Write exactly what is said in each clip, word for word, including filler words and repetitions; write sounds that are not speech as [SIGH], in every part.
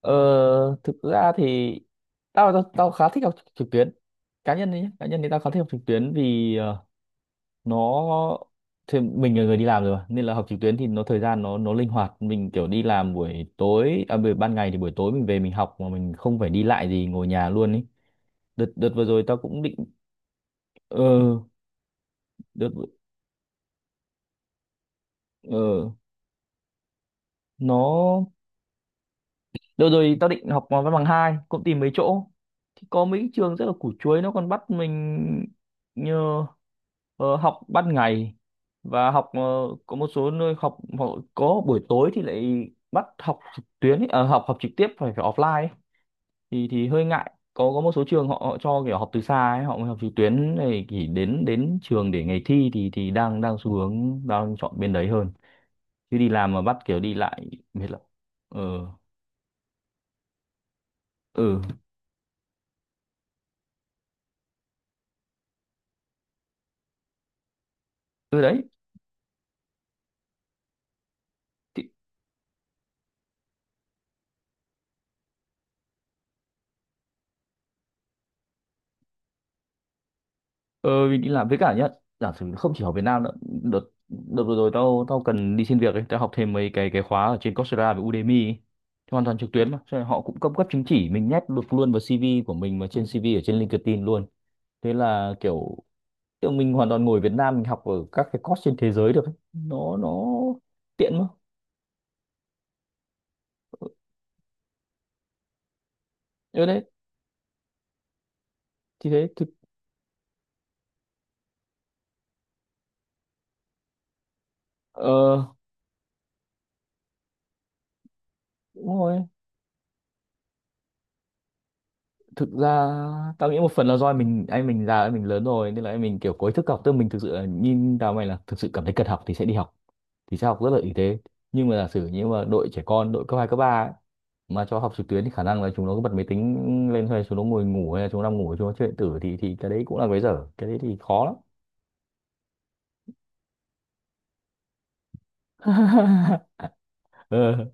Ờ, thực ra thì tao tao, tao khá thích học trực tuyến cá nhân đấy nhé, cá nhân thì tao khá thích học trực tuyến vì ờ, nó thì mình là người đi làm rồi mà, nên là học trực tuyến thì nó thời gian nó nó linh hoạt, mình kiểu đi làm buổi tối à, buổi ban ngày thì buổi tối mình về mình học mà mình không phải đi lại gì, ngồi nhà luôn ấy. Đợt đợt vừa rồi tao cũng định ờ đợt ờ nó đợt rồi tao định học văn bằng hai, cũng tìm mấy chỗ thì có mấy trường rất là củ chuối, nó còn bắt mình nhờ ờ, học ban ngày và học ờ, có một số nơi học họ có buổi tối thì lại bắt học trực tuyến ấy, ờ, học học trực tiếp phải phải offline ấy. thì thì hơi ngại, có có một số trường họ, họ cho kiểu học từ xa ấy, họ mới học trực tuyến này, chỉ đến đến trường để ngày thi thì thì đang đang xu hướng đang chọn bên đấy hơn, chứ đi làm mà bắt kiểu đi lại mệt lắm. ờ ừ ừ Đấy. Ờ, mình đi làm với cả nhá, giả sử không chỉ ở Việt Nam nữa. Đợt đợt vừa rồi tao tao cần đi xin việc ấy, tao học thêm mấy cái cái khóa ở trên Coursera với Udemy ấy. Thì hoàn toàn trực tuyến mà, cho nên họ cũng cấp cấp chứng chỉ, mình nhét được luôn vào xê vê của mình mà, trên xê vê ở trên LinkedIn luôn. Thế là kiểu kiểu mình hoàn toàn ngồi Việt Nam mình học ở các cái course trên thế giới được ấy. nó nó tiện mà. Ở đấy thì thế thực ờ đúng rồi. Thực ra tao nghĩ một phần là do em mình, anh mình già, anh mình lớn rồi, nên là anh mình kiểu có ý thức học, tức mình thực sự là nhìn tao mày là thực sự cảm thấy cần học thì sẽ đi học, thì sẽ học rất là ý. Thế nhưng mà giả sử như mà đội trẻ con, đội cấp hai cấp ba ấy, mà cho học trực tuyến thì khả năng là chúng nó cứ bật máy tính lên hay chúng nó ngồi ngủ hay là chúng nó nằm ngủ, chúng nó chơi điện tử, thì thì cái đấy cũng là cái dở, cái đấy thì khó lắm. [LAUGHS] Ờ,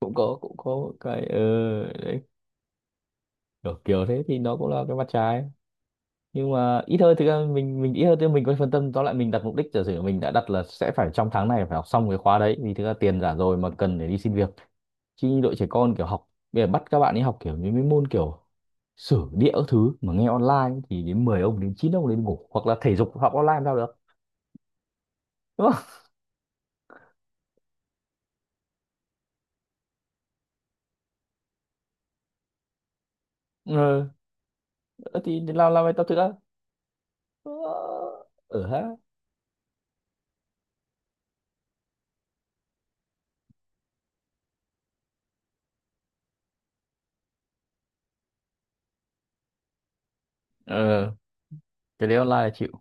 cũng có cũng có cái ờ, đấy, kiểu, kiểu thế thì nó cũng là cái mặt trái, nhưng mà ít hơn, thực ra mình mình ít hơn thì mình có phân tâm, tóm lại mình đặt mục đích, giả sử mình đã đặt là sẽ phải trong tháng này phải học xong cái khóa đấy, vì thực ra tiền giả rồi mà, cần để đi xin việc. Chứ như đội trẻ con kiểu học bây giờ bắt các bạn ấy học kiểu những cái môn kiểu sử địa các thứ mà nghe online thì đến mười ông đến chín ông đến ngủ, hoặc là thể dục học online làm sao được, đúng không? Ừ. Ờ, thì làm làm bài tập thực ra ở ha ờ, cái đấy online là chịu.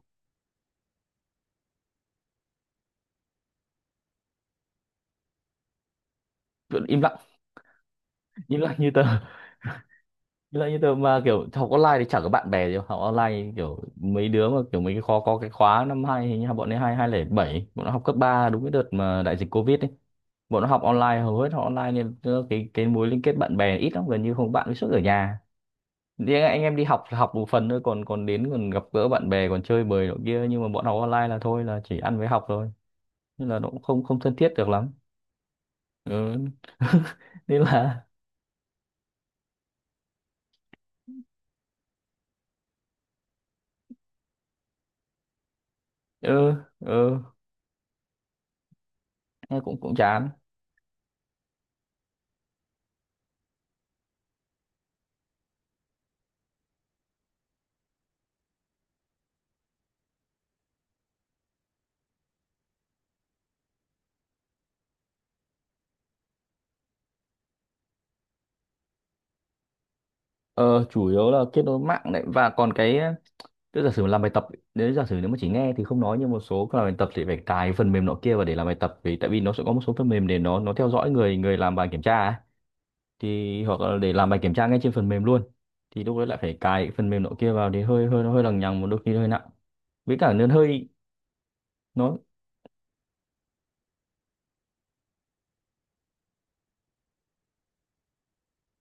Vẫn im lặng, im lặng như tờ. Như là như tớ mà kiểu học online thì chẳng có bạn bè gì, học online kiểu mấy đứa mà kiểu mấy cái khóa, có cái khóa năm hai hình như là bọn ấy hai hai lẻ bảy, bọn nó học cấp ba đúng cái đợt mà đại dịch covid ấy, bọn nó học online, hầu hết học online nên tớ- cái cái mối liên kết bạn bè ít lắm, gần như không bạn, với suốt ở nhà thì anh anh em đi học là học một phần thôi, còn còn đến còn gặp gỡ bạn bè còn chơi bời nọ kia, nhưng mà bọn học online là thôi là chỉ ăn với học thôi, nên là nó cũng không không thân thiết được lắm. Ừ. [LAUGHS] Nên là ừ ừ nghe cũng cũng chán. Ờ, chủ yếu là kết nối mạng đấy, và còn cái tức giả sử mà làm bài tập ấy, nếu giả sử nếu mà chỉ nghe thì không nói, nhưng một số cái làm bài tập thì phải cài phần mềm nọ kia vào để làm bài tập, vì tại vì nó sẽ có một số phần mềm để nó nó theo dõi người người làm bài kiểm tra ấy. Thì hoặc là để làm bài kiểm tra ngay trên phần mềm luôn, thì lúc đấy lại phải cài cái phần mềm nọ kia vào thì hơi hơi, nó hơi lằng nhằng, một đôi khi hơi nặng, với cả nó hơi nó.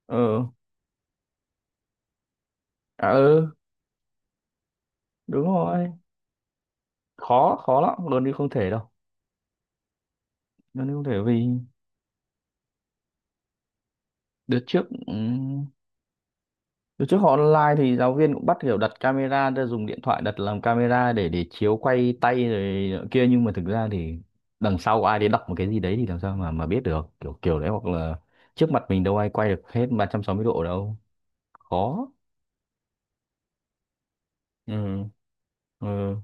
Ờ, à, ừ, đúng rồi. Khó khó lắm luôn đi, không thể đâu, luôn đi không thể. Vì đợt trước ừ, từ trước họ online thì giáo viên cũng bắt kiểu đặt camera ra, dùng điện thoại đặt làm camera để để chiếu quay tay rồi nọ kia, nhưng mà thực ra thì đằng sau ai đấy đọc một cái gì đấy thì làm sao mà mà biết được kiểu kiểu đấy hoặc là trước mặt mình đâu ai quay được hết ba trăm sáu mươi độ đâu, khó. Ừ ừ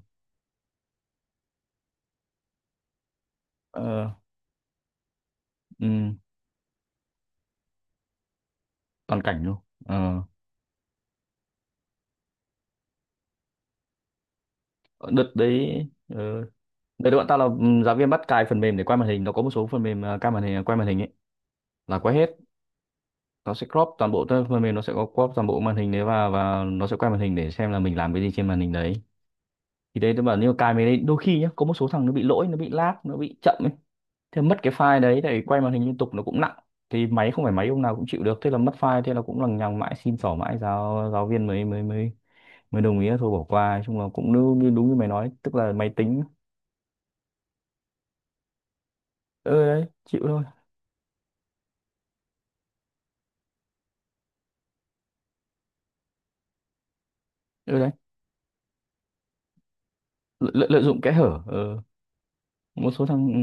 ờ, ừ, toàn cảnh luôn. Ờ, đợt đấy ờ đợt đấy bọn tao là ừ, giáo viên bắt cài phần mềm để quay màn hình, nó có một số phần mềm, à, cai màn hình, quay màn hình ấy, là quay hết, nó sẽ crop toàn bộ, tức là phần mềm nó sẽ có crop toàn bộ màn hình đấy, và và nó sẽ quay màn hình để xem là mình làm cái gì trên màn hình đấy. Thì đấy tôi bảo nếu cài mình đấy, đôi khi nhá có một số thằng nó bị lỗi, nó bị lag, nó bị chậm ấy, thế mất cái file đấy, để quay màn hình liên tục nó cũng nặng, thì máy không phải máy ông nào cũng chịu được, thế là mất file, thế là cũng lằng nhằng mãi, xin xỏ mãi giáo giáo viên mới mới mới mới đồng ý là thôi bỏ qua. Nói chung là cũng đúng như đúng như mày nói, tức là máy tính. Ừ đấy, chịu thôi. Ừ đấy, lợi, lợi, lợi dụng kẽ hở. Ừ, một số thằng ừ.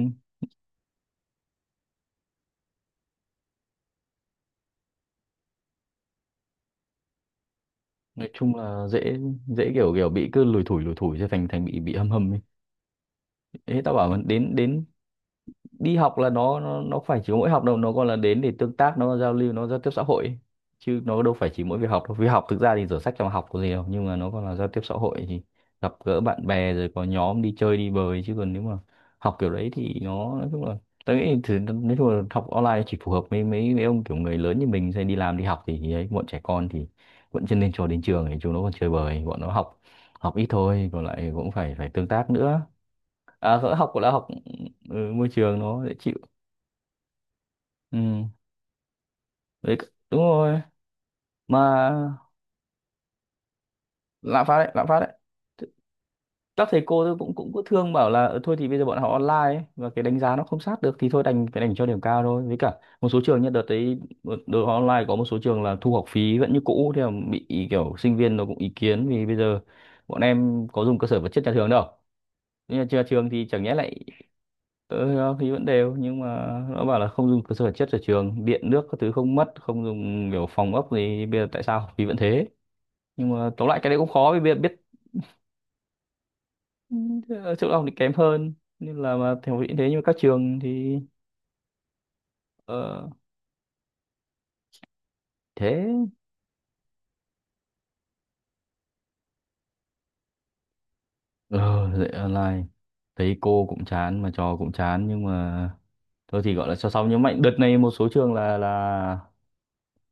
Nói chung là dễ, dễ kiểu kiểu bị cứ lủi thủi lủi thủi cho thành thành bị bị hâm hầm ấy. Ê, tao bảo là đến đến đi học là nó nó, nó phải chỉ có mỗi học đâu, nó còn là đến để tương tác, nó giao lưu, nó giao tiếp xã hội ấy. Chứ nó đâu phải chỉ mỗi việc học đâu, vì học thực ra thì sổ sách trong học có gì đâu, nhưng mà nó còn là giao tiếp xã hội, thì gặp gỡ bạn bè rồi có nhóm đi chơi đi bời. Chứ còn nếu mà học kiểu đấy thì nó nói chung là tôi nghĩ thì nói chung là học online chỉ phù hợp với mấy mấy ông kiểu người lớn như mình sẽ đi làm đi học thì ấy, bọn trẻ con thì vẫn chưa nên, cho đến trường thì chúng nó còn chơi bời, bọn nó học học ít thôi, còn lại cũng phải phải tương tác nữa. À, học là học, ừ, môi trường nó dễ chịu. Ừ đấy, đúng rồi mà, lạm phát đấy, lạm phát đấy. Th- các thầy cô tôi cũng cũng cứ thương bảo là "Ờ, thôi thì bây giờ bọn họ online ấy, và cái đánh giá nó không sát được thì thôi đành phải đành cho điểm cao thôi", với cả một số trường nhất đợt đấy đội họ online có một số trường là thu học phí vẫn như cũ, thì bị kiểu sinh viên nó cũng ý kiến vì bây giờ bọn em có dùng cơ sở vật chất nhà trường đâu, nhưng mà nhà trường thì chẳng nhẽ lại ờ, thì vẫn đều, nhưng mà nó bảo là không dùng cơ sở vật chất ở trường, điện nước các thứ không mất, không dùng kiểu phòng ốc gì, bây giờ tại sao học phí vẫn thế. Nhưng mà tóm lại cái đấy cũng khó vì biết, biết. Ờ, chất lượng học thì kém hơn, nên là mà thể hiện thế, nhưng mà các trường thì ờ, thế ờ dạy online thấy cô cũng chán mà trò cũng chán, nhưng mà thôi thì gọi là cho xong. Nhưng mạnh đợt này một số trường là là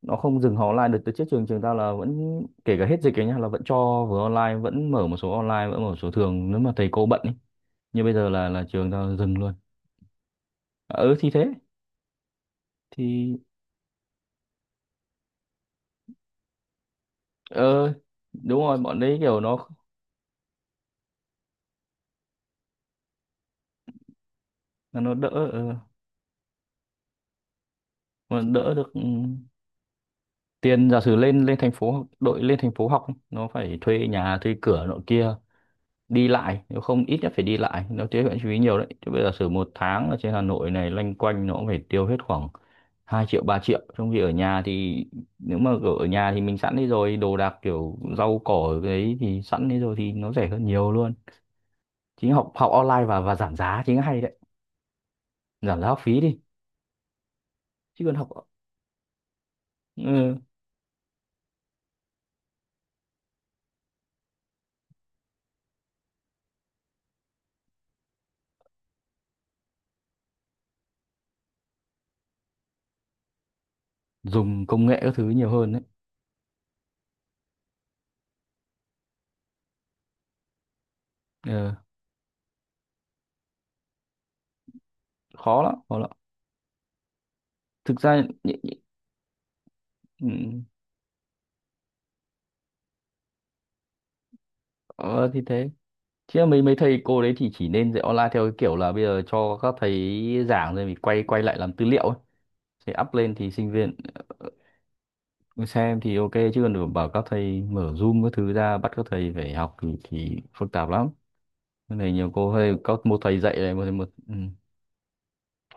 nó không dừng học online. Đợt đợt trước trường trường tao là vẫn, kể cả hết dịch ấy nhá, là vẫn cho vừa online, vẫn mở một số online vẫn mở một số thường nếu mà thầy cô bận ấy, nhưng bây giờ là là trường tao dừng luôn. Ờ ừ, thì thế thì ờ đúng rồi, bọn đấy kiểu nó nó đỡ. Ờ, mà đỡ được ừ, tiền giả sử lên lên thành phố đội lên thành phố học ấy, nó phải thuê nhà thuê cửa nọ kia, đi lại, nếu không ít nhất phải đi lại, nó tiết kiệm chi phí nhiều đấy chứ, bây giờ giả sử một tháng ở trên Hà Nội này loanh quanh nó cũng phải tiêu hết khoảng hai triệu ba triệu, trong khi ở nhà thì nếu mà kiểu ở nhà thì mình sẵn đi rồi, đồ đạc kiểu rau cỏ ở đấy thì sẵn đi rồi thì nó rẻ hơn nhiều luôn. Chính học học online và và giảm giá chính hay đấy, giảm giá học phí đi, chứ còn học ừ, dùng công nghệ các thứ nhiều hơn đấy. Ờ, khó lắm khó lắm. Thực ra nhị- nhị- ừ, ờ, thì thế chứ là mấy mấy thầy cô đấy thì chỉ nên dạy online theo cái kiểu là bây giờ cho các thầy giảng rồi mình quay quay lại làm tư liệu ấy, sẽ up lên thì sinh viên xem thì ok. Chứ còn đừng bảo các thầy mở Zoom các thứ ra bắt các thầy phải học thì thì phức tạp lắm. Cái này nhiều cô hay có một thầy dạy này, một thầy một. Ừ.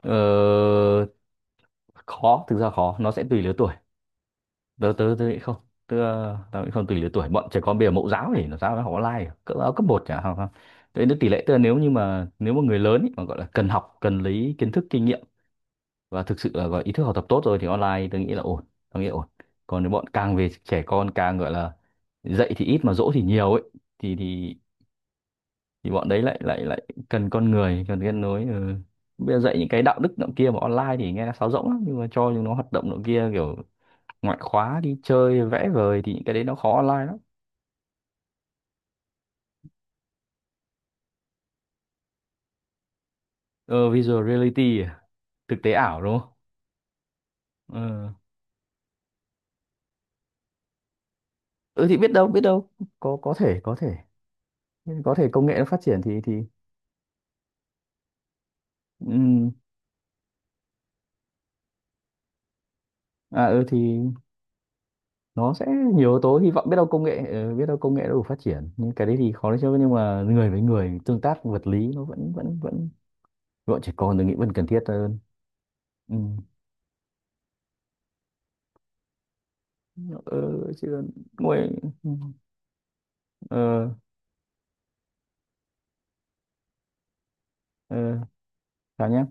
Ờ, khó, thực ra khó, nó sẽ tùy lứa tuổi. Tớ tớ tớ nghĩ không, tớ tớ nghĩ không, tùy lứa tuổi, bọn trẻ con bây giờ mẫu giáo thì nó sao nó học online à? Cấp áo cấp một chả học không? Đấy, tỷ lệ tớ, nếu như mà nếu mà người lớn ý, mà gọi là cần học cần lấy kiến thức kinh nghiệm và thực sự là gọi ý thức học tập tốt rồi thì online tớ nghĩ là ổn, tớ nghĩ là ổn. Còn nếu bọn càng về trẻ con càng gọi là dạy thì ít mà dỗ thì nhiều ấy, thì thì thì bọn đấy lại lại lại cần con người, cần kết nối. Ừ. Bây giờ dạy những cái đạo đức nọ kia mà online thì nghe nó sáo rỗng lắm, nhưng mà cho chúng nó hoạt động nọ kia kiểu ngoại khóa đi chơi vẽ vời thì những cái đấy nó khó online lắm. Ờ, visual reality à? Thực tế ảo đúng không. Ờ. Ừ thì biết đâu biết đâu, có có thể có thể, có thể công nghệ nó phát triển thì thì ừm, à ừ thì nó sẽ nhiều yếu tố, hy vọng biết đâu công nghệ ờ, biết đâu công nghệ nó đủ phát triển, nhưng cái đấy thì khó đấy chứ, nhưng mà người với người tương tác vật lý nó vẫn vẫn vẫn vẫn trẻ con tôi nghĩ vẫn cần thiết hơn. Ừ. Ờ, chứ ngồi ờ, ờ, chào nhá.